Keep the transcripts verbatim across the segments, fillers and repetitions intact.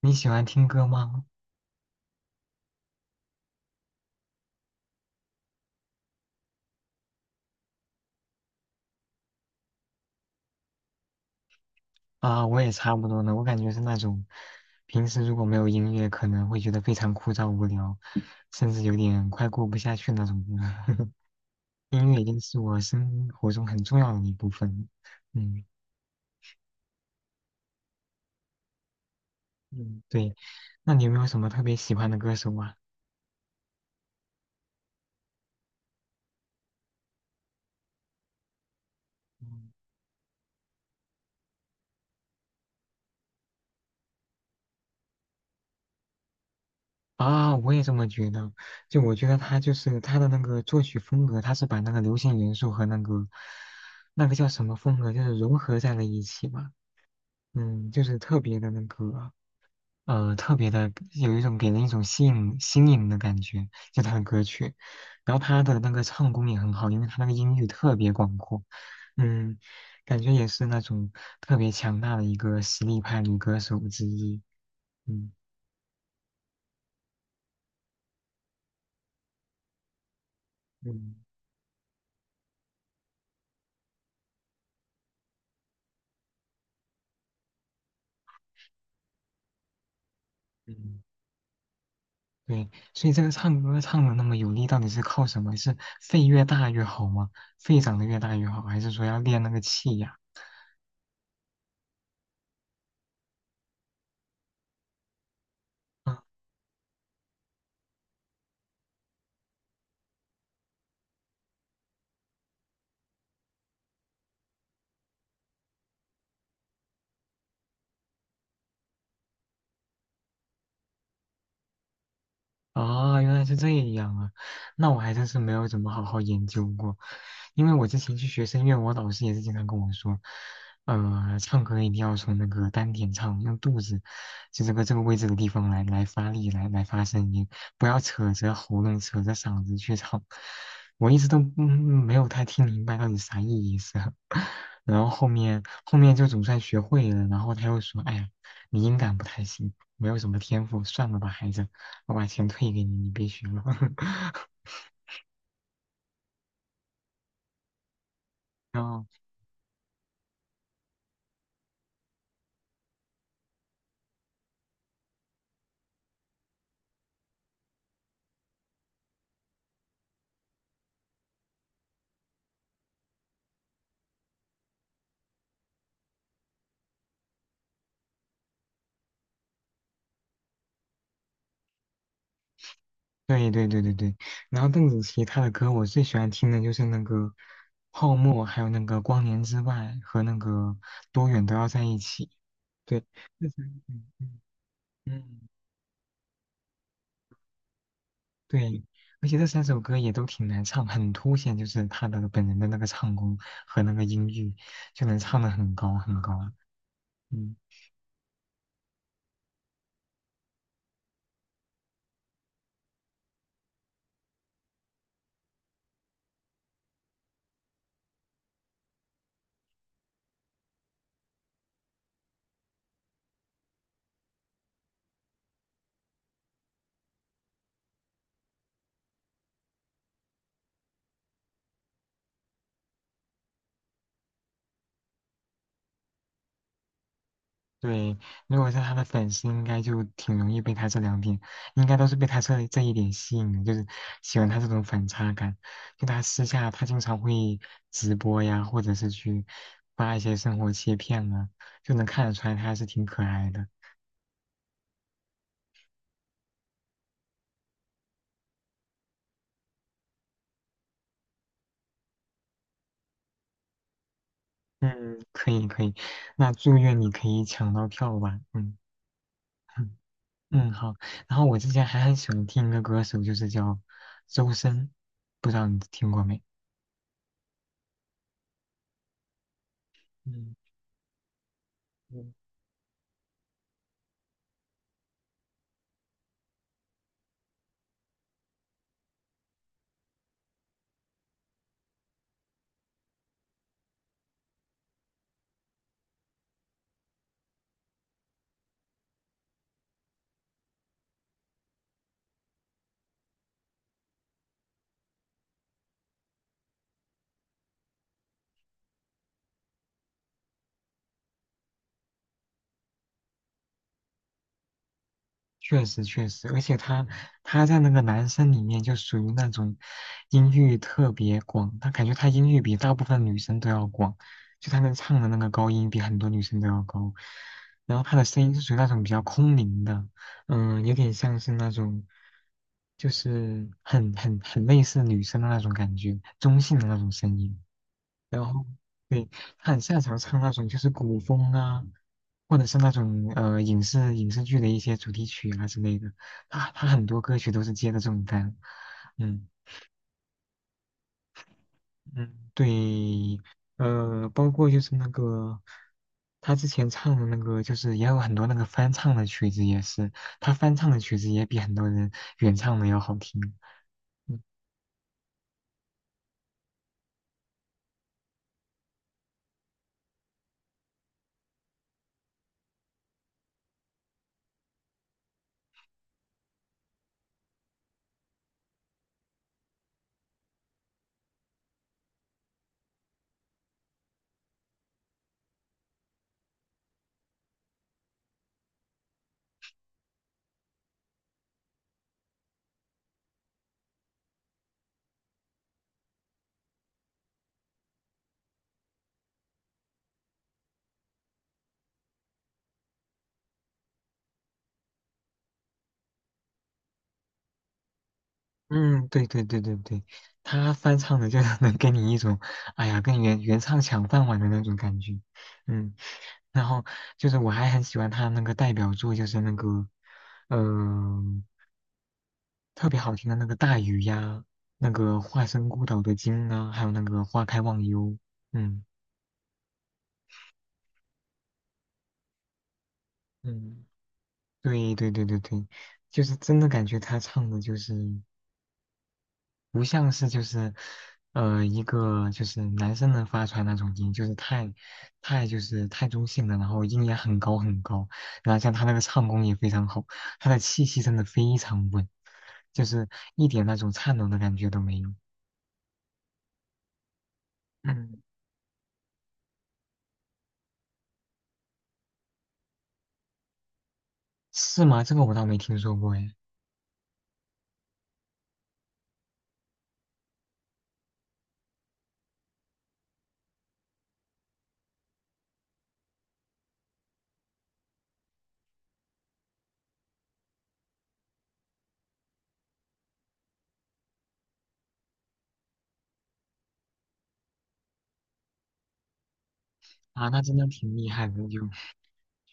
你喜欢听歌吗？啊，我也差不多呢。我感觉是那种，平时如果没有音乐，可能会觉得非常枯燥无聊，甚至有点快过不下去那种人。 音乐已经是我生活中很重要的一部分了。嗯嗯，对。那你有没有什么特别喜欢的歌手啊？嗯啊，我也这么觉得。就我觉得他就是他的那个作曲风格，他是把那个流行元素和那个那个叫什么风格，就是融合在了一起吧。嗯，就是特别的那个，呃，特别的有一种给人一种吸引新颖的感觉，就他的歌曲。然后他的那个唱功也很好，因为他那个音域特别广阔，嗯，感觉也是那种特别强大的一个实力派女歌手之一。嗯嗯嗯，对，所以这个唱歌唱的那么有力，到底是靠什么？是肺越大越好吗？肺长得越大越好，还是说要练那个气呀？嗯啊，原来是这样啊，那我还真是没有怎么好好研究过。因为我之前去学声乐，我老师也是经常跟我说，呃，唱歌一定要从那个丹田唱，用肚子，就这个这个位置的地方来来发力，来来发声音，不要扯着喉咙、扯着嗓子去唱。我一直都嗯没有太听明白到底啥意思，然后后面后面就总算学会了，然后他又说，哎呀，你音感不太行，没有什么天赋，算了吧，孩子。我把钱退给你，你别学了。然后，对对对对对，然后邓紫棋她的歌，我最喜欢听的就是那个《泡沫》，还有那个《光年之外》和那个《多远都要在一起》。对，这三嗯嗯嗯，对，而且这三首歌也都挺难唱，很凸显就是他的本人的那个唱功和那个音域，就能唱得很高很高。嗯。对，如果是他的粉丝，应该就挺容易被他这两点，应该都是被他这这一点吸引的，就是喜欢他这种反差感。就他私下，他经常会直播呀，或者是去发一些生活切片啊，就能看得出来他还是挺可爱的。嗯，可以可以，那祝愿你可以抢到票吧。嗯 嗯，好。然后我之前还很喜欢听一个歌手，就是叫周深，不知道你听过没？嗯。嗯确实确实，而且他他在那个男生里面就属于那种音域特别广，他感觉他音域比大部分女生都要广，就他能唱的那个高音比很多女生都要高，然后他的声音是属于那种比较空灵的，嗯，有点像是那种就是很很很类似女生的那种感觉，中性的那种声音。然后对，他很擅长唱那种就是古风啊，或者是那种呃影视影视剧的一些主题曲啊之类的。他他很多歌曲都是接的这种单，嗯嗯，对，呃，包括就是那个他之前唱的那个，就是也有很多那个翻唱的曲子，也是他翻唱的曲子也比很多人原唱的要好听。嗯，对对对对对，他翻唱的就 能给你一种，哎呀，跟原原唱抢饭碗的那种感觉。嗯，然后就是我还很喜欢他那个代表作，就是那个，嗯、特别好听的那个《大鱼》呀，那个《化身孤岛的鲸》啊，还有那个《花开忘忧》。嗯嗯，对对对对对，就是真的感觉他唱的就是。不像是就是，呃，一个就是男生能发出来那种音，就是太，太就是太中性的，然后音也很高很高，然后像他那个唱功也非常好，他的气息真的非常稳，就是一点那种颤抖的感觉都没有。嗯，是吗？这个我倒没听说过哎。啊，那真的挺厉害的，就。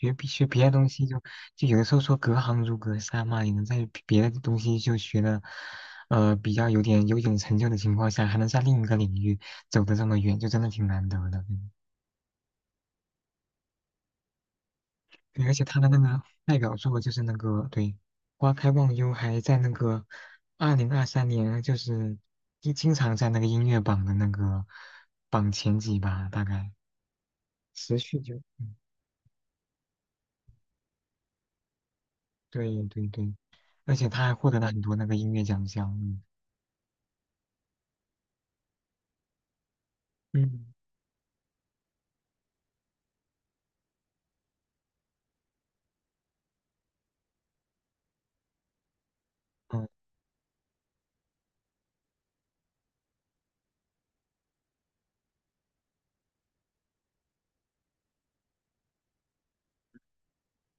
学别学别的东西就就有的时候说隔行如隔山嘛，你能在别别的东西就学的，呃，比较有点有点成就的情况下，还能在另一个领域走得这么远，就真的挺难得的。嗯对，而且他的那个代表作就是那个对《花开忘忧》，还在那个二零二三年，就是经经常在那个音乐榜的那个榜前几吧，大概持续就嗯，对对对，而且他还获得了很多那个音乐奖项，嗯。嗯，嗯，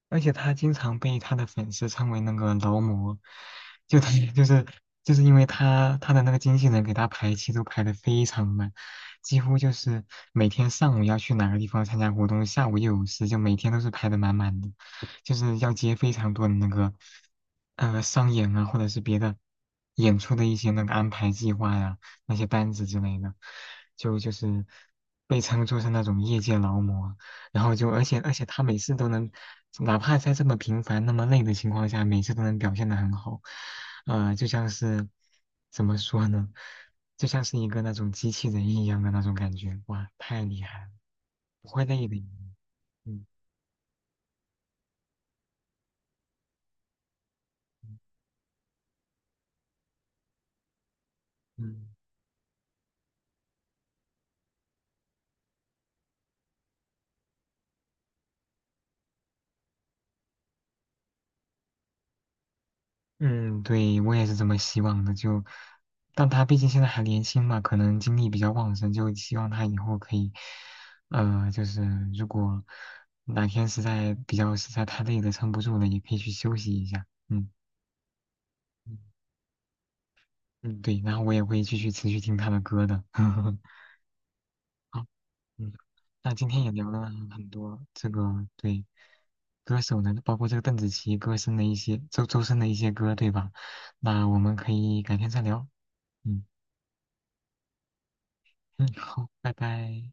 而且他经常被他的粉丝称为那个劳模，就他就是就是因为他他的那个经纪人给他排期都排的非常满，几乎就是每天上午要去哪个地方参加活动，下午又有事，就每天都是排的满满的，就是要接非常多的那个呃商演啊，或者是别的演出的一些那个安排计划呀、那些单子之类的，就就是被称作是那种业界劳模。然后就而且而且他每次都能，哪怕在这么平凡、那么累的情况下，每次都能表现得很好，呃，就像是怎么说呢，就像是一个那种机器人一样的那种感觉，哇，太厉害了，不会累的，嗯嗯。嗯，对，我也是这么希望的。就，但他毕竟现在还年轻嘛，可能精力比较旺盛，就希望他以后可以，呃，就是如果哪天实在比较实在太累了，撑不住了，也可以去休息一下。嗯嗯，嗯对，然后我也会继续持续听他的歌的。好，嗯，那今天也聊了很多这个对歌手呢，包括这个邓紫棋歌声的一些周周深的一些歌，对吧？那我们可以改天再聊。嗯。嗯，好，拜拜。